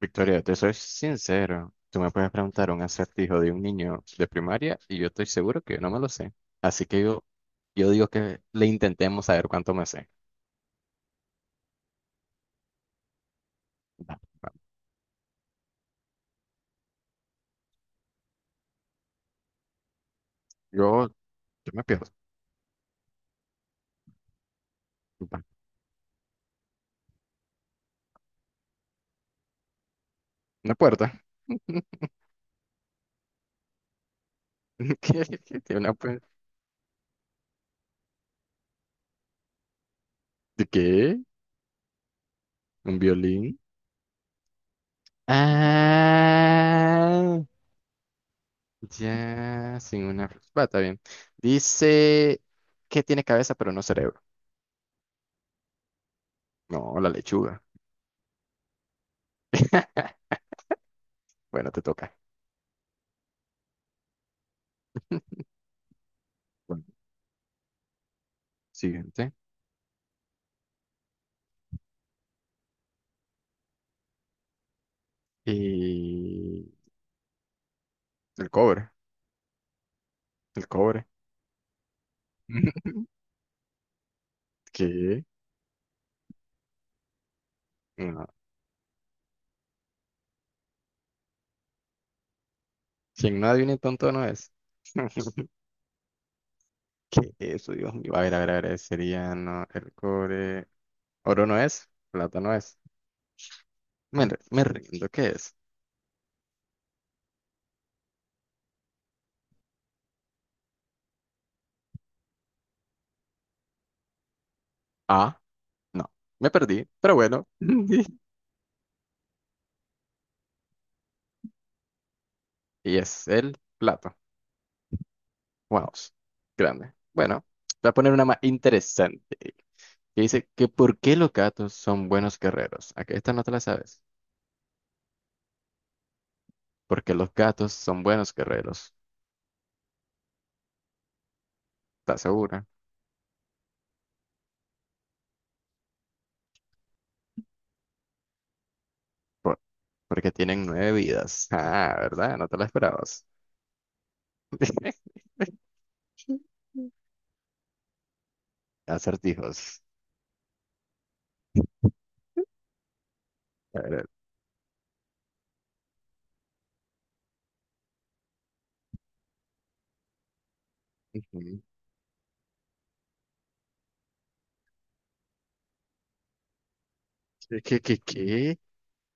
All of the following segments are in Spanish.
Victoria, te soy sincero. Tú me puedes preguntar un acertijo de un niño de primaria y yo estoy seguro que yo no me lo sé. Así que yo digo que le intentemos saber cuánto me sé. Va, va. Yo, yo me pierdo. Va. Una puerta. ¿Qué? ¿Qué? ¿Tiene una puerta? ¿De qué? ¿Un violín? Ah, ya, sin una... Va, está bien. Dice que tiene cabeza pero no cerebro. No, la lechuga. Bueno, te toca. Bueno, siguiente. Y el cobre, el cobre, que no, si en nada viene tonto no es. ¿Qué es eso, Dios mío? A ver, a ver, a ver, sería no, el cobre. Oro no es, plata no es. Me rindo, ¿qué es? Ah, no, me perdí, pero bueno. Y es el plato. Wow, grande. Bueno, voy a poner una más interesante. Que dice que ¿por qué los gatos son buenos guerreros? Aquí esta no te la sabes. Porque los gatos son buenos guerreros. ¿Estás segura? Por- porque tienen nueve vidas. Ah, ¿verdad? No te la esperabas. Acertijos. A ver, ujú. ¿Qué, qué, qué, qué?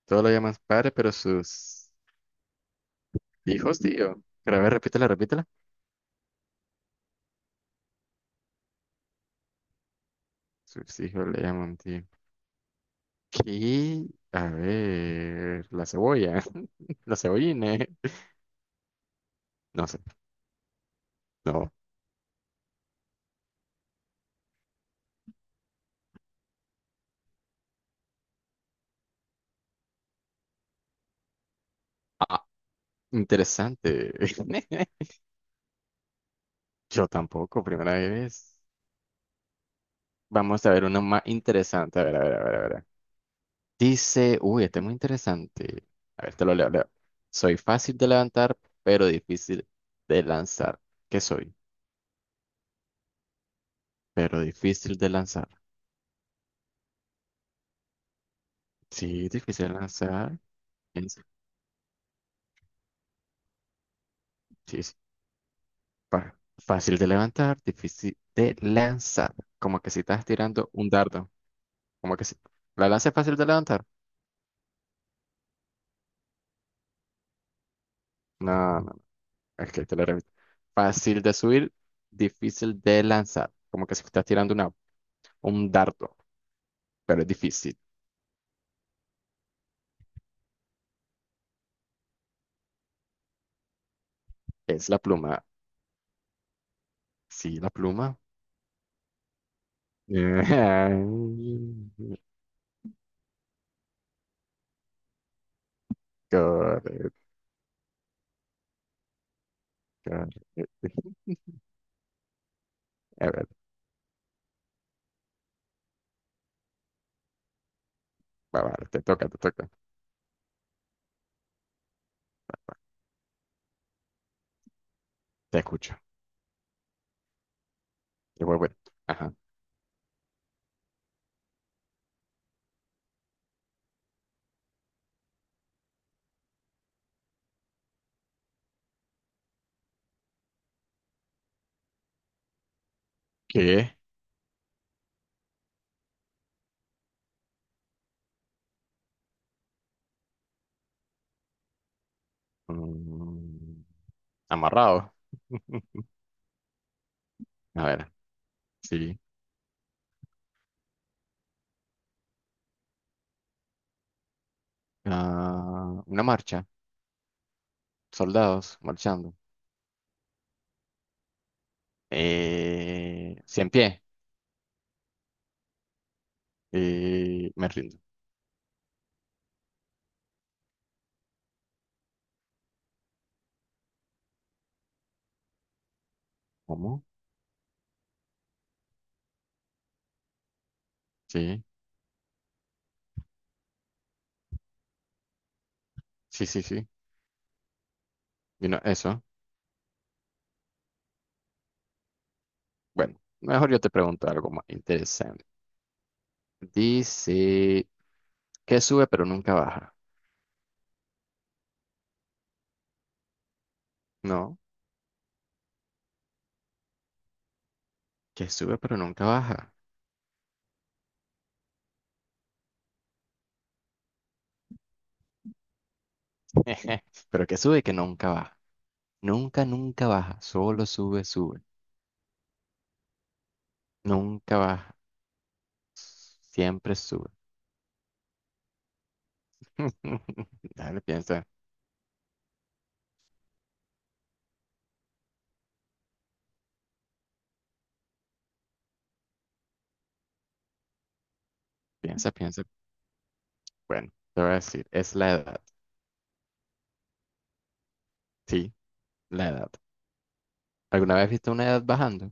Todo lo llaman padre, pero sus hijos, tío. Pero a ver, repítela, repítela. Sus hijos le llaman tío. ¿Qué? A ver, la cebolla. La cebolline. No sé. No. Ah, interesante. Yo tampoco, primera vez. Vamos a ver uno más interesante. A ver, a ver, a ver, a ver. Dice, uy, este es muy interesante. A ver, te lo leo, leo. Soy fácil de levantar, pero difícil de lanzar. ¿Qué soy? Pero difícil de lanzar. Sí, difícil de lanzar. Es- Sí, sí. Fácil de levantar, difícil de lanzar. Como que si estás tirando un dardo. Como que si... ¿La lanza es fácil de levantar? No, no, es que te lo repito. Fácil de subir, difícil de lanzar. Como que si estás tirando una, un dardo, pero es difícil. Es la pluma. Sí, la pluma. Correcto. A ver, va, va, te toca, te toca. Te escucho. Te voy, voy. Ajá. ¿Qué? Mm, amarrado. A ver, sí. Ah, una marcha. Soldados marchando. Cien pie. Me rindo. ¿Cómo? Sí, sí, sí, sí. Vino eso. Bueno, mejor yo te pregunto algo más interesante. Dice, ¿qué sube pero nunca baja? No. Que sube pero nunca baja. Pero que sube y que nunca baja. Nunca, nunca baja. Solo sube, sube. Nunca baja. Siempre sube. Dale, piensa, piensa, piensa. Bueno, te voy a decir, es la edad. Sí, la edad. ¿Alguna vez viste una edad bajando?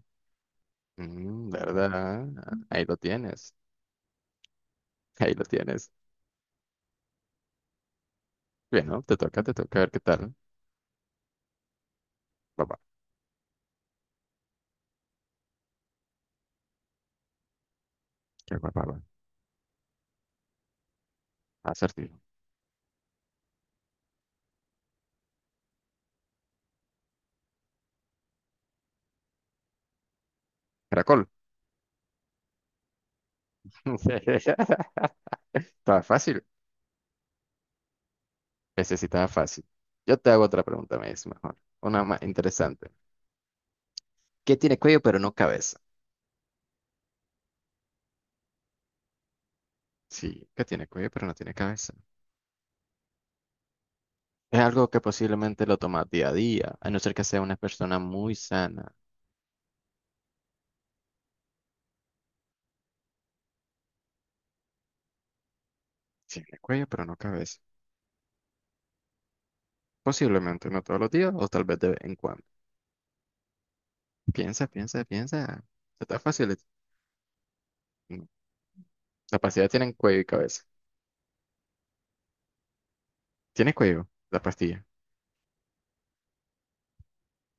Mm, ¿verdad? Ahí lo tienes. Ahí lo tienes. Bien, ¿no? Te toca a ver qué tal. Papá, qué papá, papá. Acertijo. Caracol. Está fácil. Necesitaba fácil. Yo te hago otra pregunta, me dice mejor. Una más interesante. ¿Qué tiene cuello pero no cabeza? Sí, ¿qué tiene cuello pero no tiene cabeza? Es algo que posiblemente lo tomas día a día, a no ser que sea una persona muy sana. Tiene cuello pero no cabeza. Posiblemente no todos los días o tal vez de vez en cuando. Piensa, piensa, piensa. Está fácil. No. La pastilla tiene cuello y cabeza. Tiene cuello, la pastilla.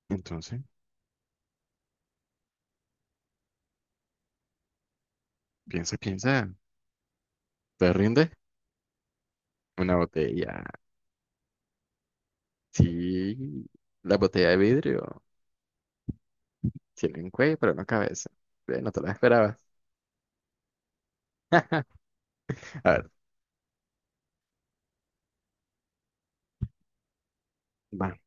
Entonces, piensa, piensa. ¿Te rinde? Una botella. Sí, la botella de vidrio. Tiene un cuello, pero no cabeza. Ve, no te la esperabas. A ver, va.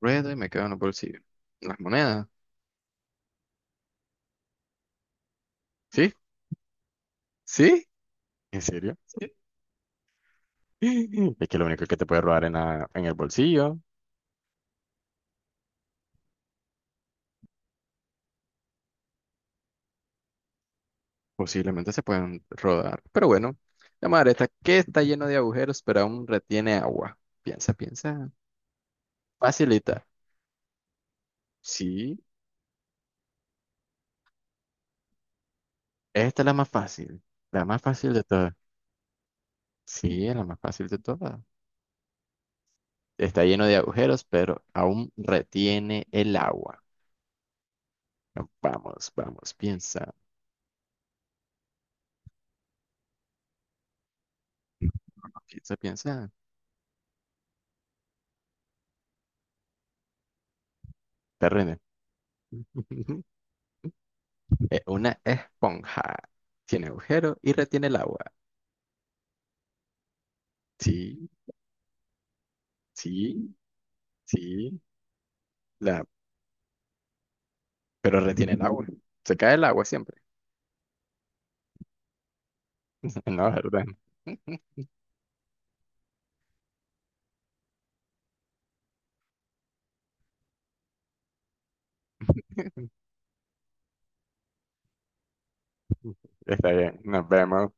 Ruedo y me quedo en los bolsillos. Las monedas. ¿Sí? ¿Sí? ¿En serio? Sí. Es que lo único que te puede robar en, en el bolsillo. Posiblemente se pueden rodar. Pero bueno, la madre está que está lleno de agujeros, pero aún retiene agua. Piensa, piensa. Facilita. Sí. Esta es la más fácil. La más fácil de todas. Sí, es la más fácil de todas. Está lleno de agujeros, pero aún retiene el agua. No, vamos, vamos, piensa, piensa, piensa. Terreno. Una esponja. Tiene agujero y retiene el agua. Sí, sí, sí. La... Pero retiene el agua. Se cae el agua siempre. No, ¿verdad? Está bien, nos vemos.